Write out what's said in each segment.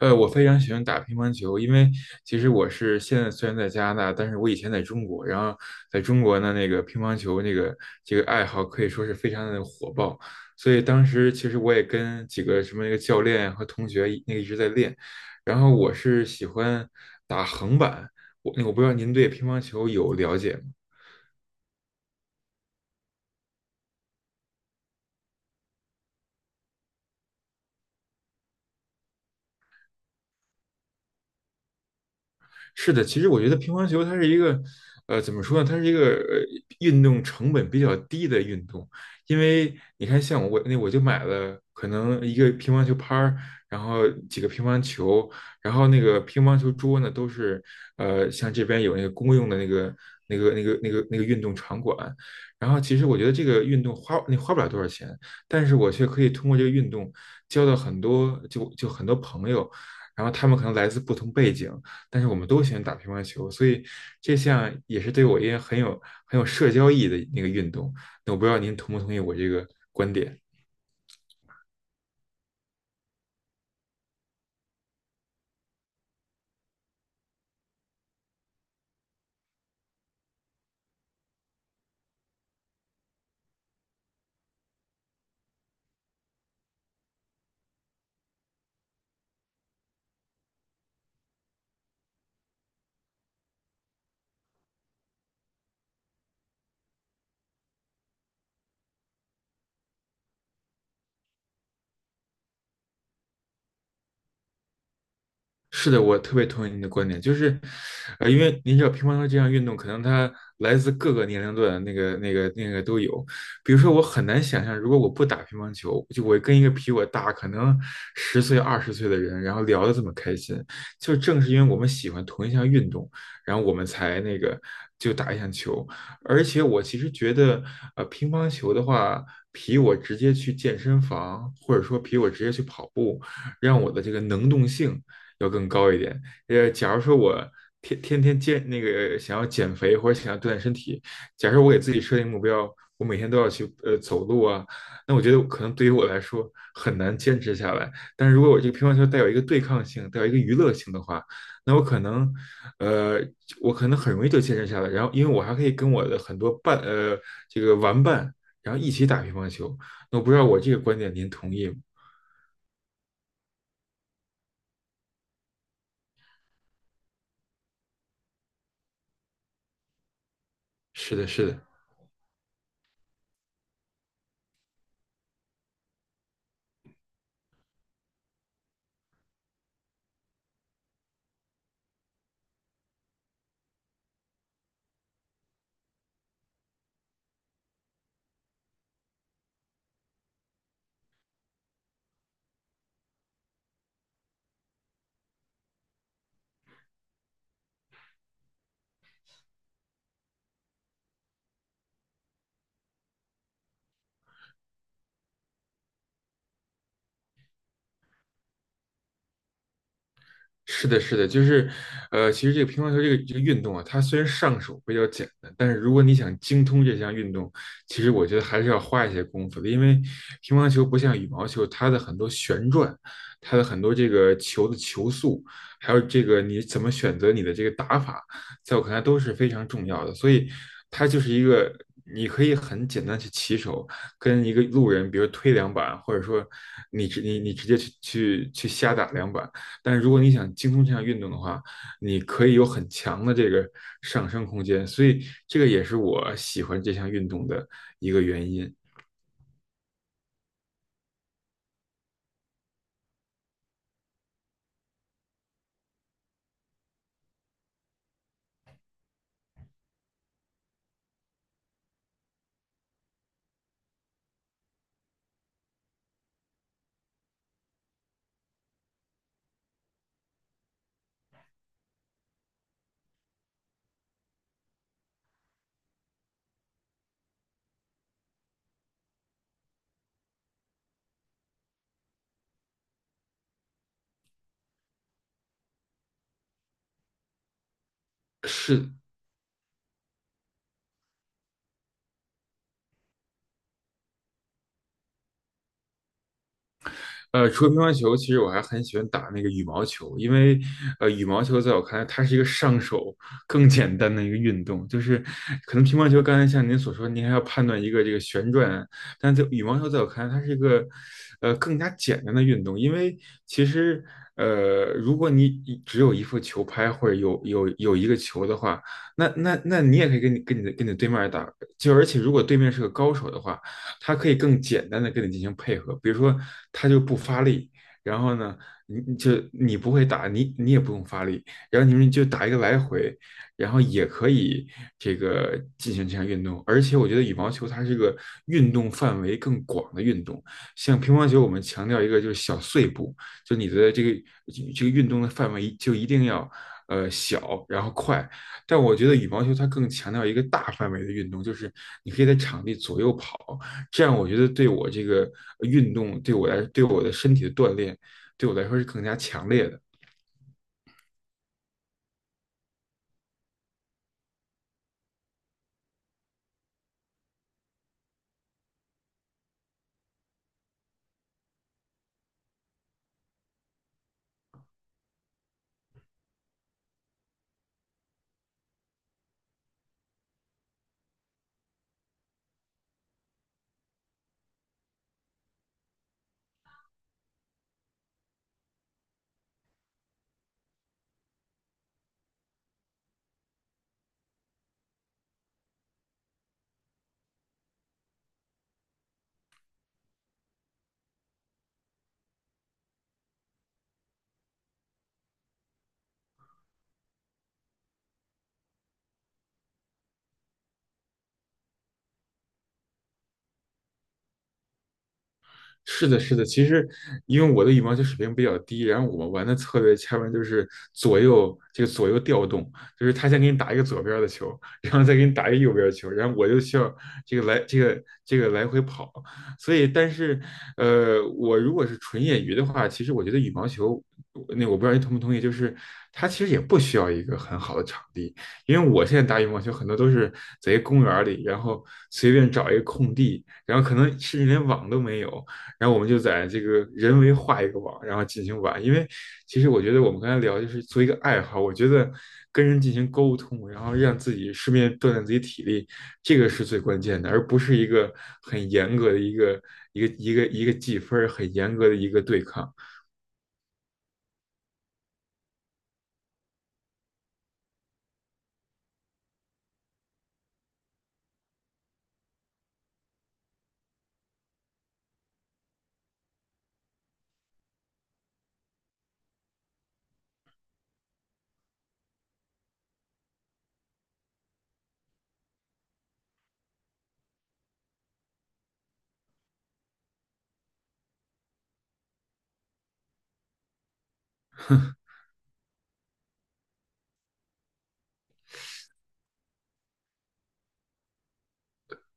我非常喜欢打乒乓球，因为其实我是现在虽然在加拿大，但是我以前在中国，然后在中国呢，那个乒乓球那个这个爱好可以说是非常的火爆，所以当时其实我也跟几个什么那个教练和同学那个一直在练，然后我是喜欢打横板，我不知道您对乒乓球有了解吗？是的，其实我觉得乒乓球它是一个，怎么说呢？它是一个运动成本比较低的运动，因为你看，像我那我就买了可能一个乒乓球拍儿，然后几个乒乓球，然后那个乒乓球桌呢都是，像这边有那个公用的那个运动场馆，然后其实我觉得这个运动花不了多少钱，但是我却可以通过这个运动交到很多就很多朋友，然后他们可能来自不同背景。但是我们都喜欢打乒乓球，所以这项也是对我一个很有社交意义的那个运动。那我不知道您同不同意我这个观点。是的，我特别同意您的观点，就是，因为您知道乒乓球这项运动，可能它来自各个年龄段，那个都有。比如说，我很难想象，如果我不打乒乓球，就我跟一个比我大可能十岁、20岁的人，然后聊得这么开心，就正是因为我们喜欢同一项运动，然后我们才那个就打一项球。而且我其实觉得，乒乓球的话，比我直接去健身房，或者说比我直接去跑步，让我的这个能动性要更高一点。假如说我天天那个想要减肥或者想要锻炼身体，假设我给自己设定目标，我每天都要去走路啊，那我觉得可能对于我来说很难坚持下来。但是如果我这个乒乓球带有一个对抗性，带有一个娱乐性的话，那呃我可能很容易就坚持下来。然后因为我还可以跟我的很多这个玩伴，然后一起打乒乓球。那我不知道我这个观点您同意吗？是的，是的。是的，是的，就是，其实这个乒乓球这个运动啊，它虽然上手比较简单，但是如果你想精通这项运动，其实我觉得还是要花一些功夫的，因为乒乓球不像羽毛球，它的很多旋转，它的很多这个球的球速，还有这个你怎么选择你的这个打法，在我看来都是非常重要的，所以它就是一个你可以很简单去起手，跟一个路人，比如推两板，或者说你直你你直接去瞎打两板。但是如果你想精通这项运动的话，你可以有很强的这个上升空间，所以这个也是我喜欢这项运动的一个原因。是。除了乒乓球，其实我还很喜欢打那个羽毛球，因为羽毛球在我看来，它是一个上手更简单的一个运动。就是可能乒乓球，刚才像您所说，您还要判断一个这个旋转啊，但在羽毛球在我看来，它是一个更加简单的运动，因为其实如果你只有一副球拍或者有一个球的话，那你也可以跟你的对面打，就而且如果对面是个高手的话。它可以更简单的跟你进行配合，比如说它就不发力，然后呢，你不会打，你也不用发力，然后你们就打一个来回，然后也可以这个进行这项运动。而且我觉得羽毛球它是个运动范围更广的运动，像乒乓球我们强调一个就是小碎步，就你的这个运动的范围就一定要小然后快，但我觉得羽毛球它更强调一个大范围的运动，就是你可以在场地左右跑，这样我觉得对我这个运动，对我来，对我的身体的锻炼，对我来说是更加强烈的。是的，是的。其实，因为我的羽毛球水平比较低，然后我们玩的策略下面就是左右调动，就是他先给你打一个左边的球，然后再给你打一个右边的球，然后我就需要这个来这个这个来回跑。所以，但是，我如果是纯业余的话，其实我觉得羽毛球，那我不知道你同不同意，就是它其实也不需要一个很好的场地，因为我现在打羽毛球很多都是在一个公园里，然后随便找一个空地，然后可能甚至连网都没有。然后我们就在这个人为画一个网，然后进行玩。因为其实我觉得我们刚才聊就是做一个爱好，我觉得跟人进行沟通，然后让自己顺便锻炼自己体力，这个是最关键的，而不是一个很严格的一个计分很严格的一个对抗。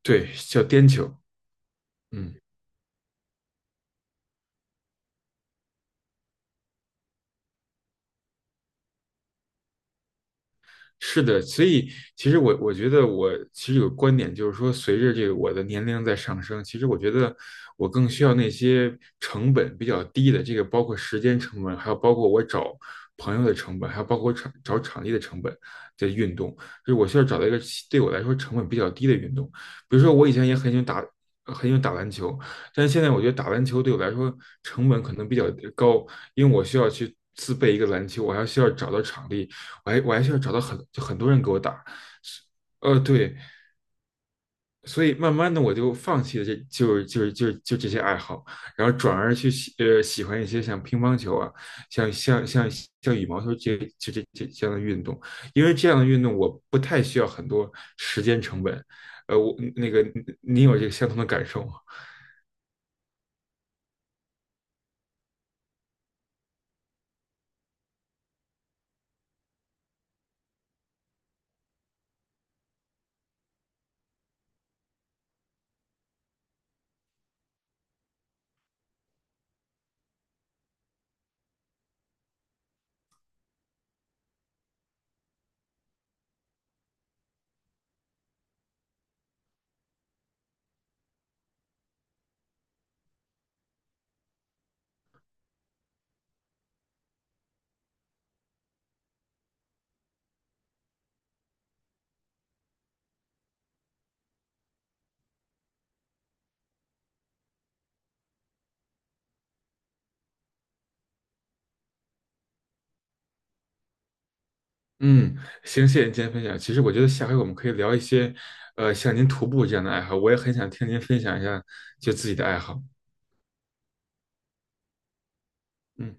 对，叫颠球。嗯。是的，所以其实我觉得我其实有个观点，就是说，随着这个我的年龄在上升，其实我觉得我更需要那些成本比较低的，这个包括时间成本，还有包括我找朋友的成本，还有包括找场地的成本的运动，就是我需要找到一个对我来说成本比较低的运动。比如说，我以前也很喜欢打篮球，但是现在我觉得打篮球对我来说成本可能比较高，因为我需要去自备一个篮球，我还需要找到场地，哎，我还需要找到就很多人给我打，是。对，所以慢慢的我就放弃了这就是就是就是就这些爱好，然后转而去喜欢一些像乒乓球啊，像像像像羽毛球这样的运动，因为这样的运动我不太需要很多时间成本，我那个你有这个相同的感受吗？嗯，行，谢谢您今天分享。其实我觉得下回我们可以聊一些，像您徒步这样的爱好，我也很想听您分享一下就自己的爱好。嗯。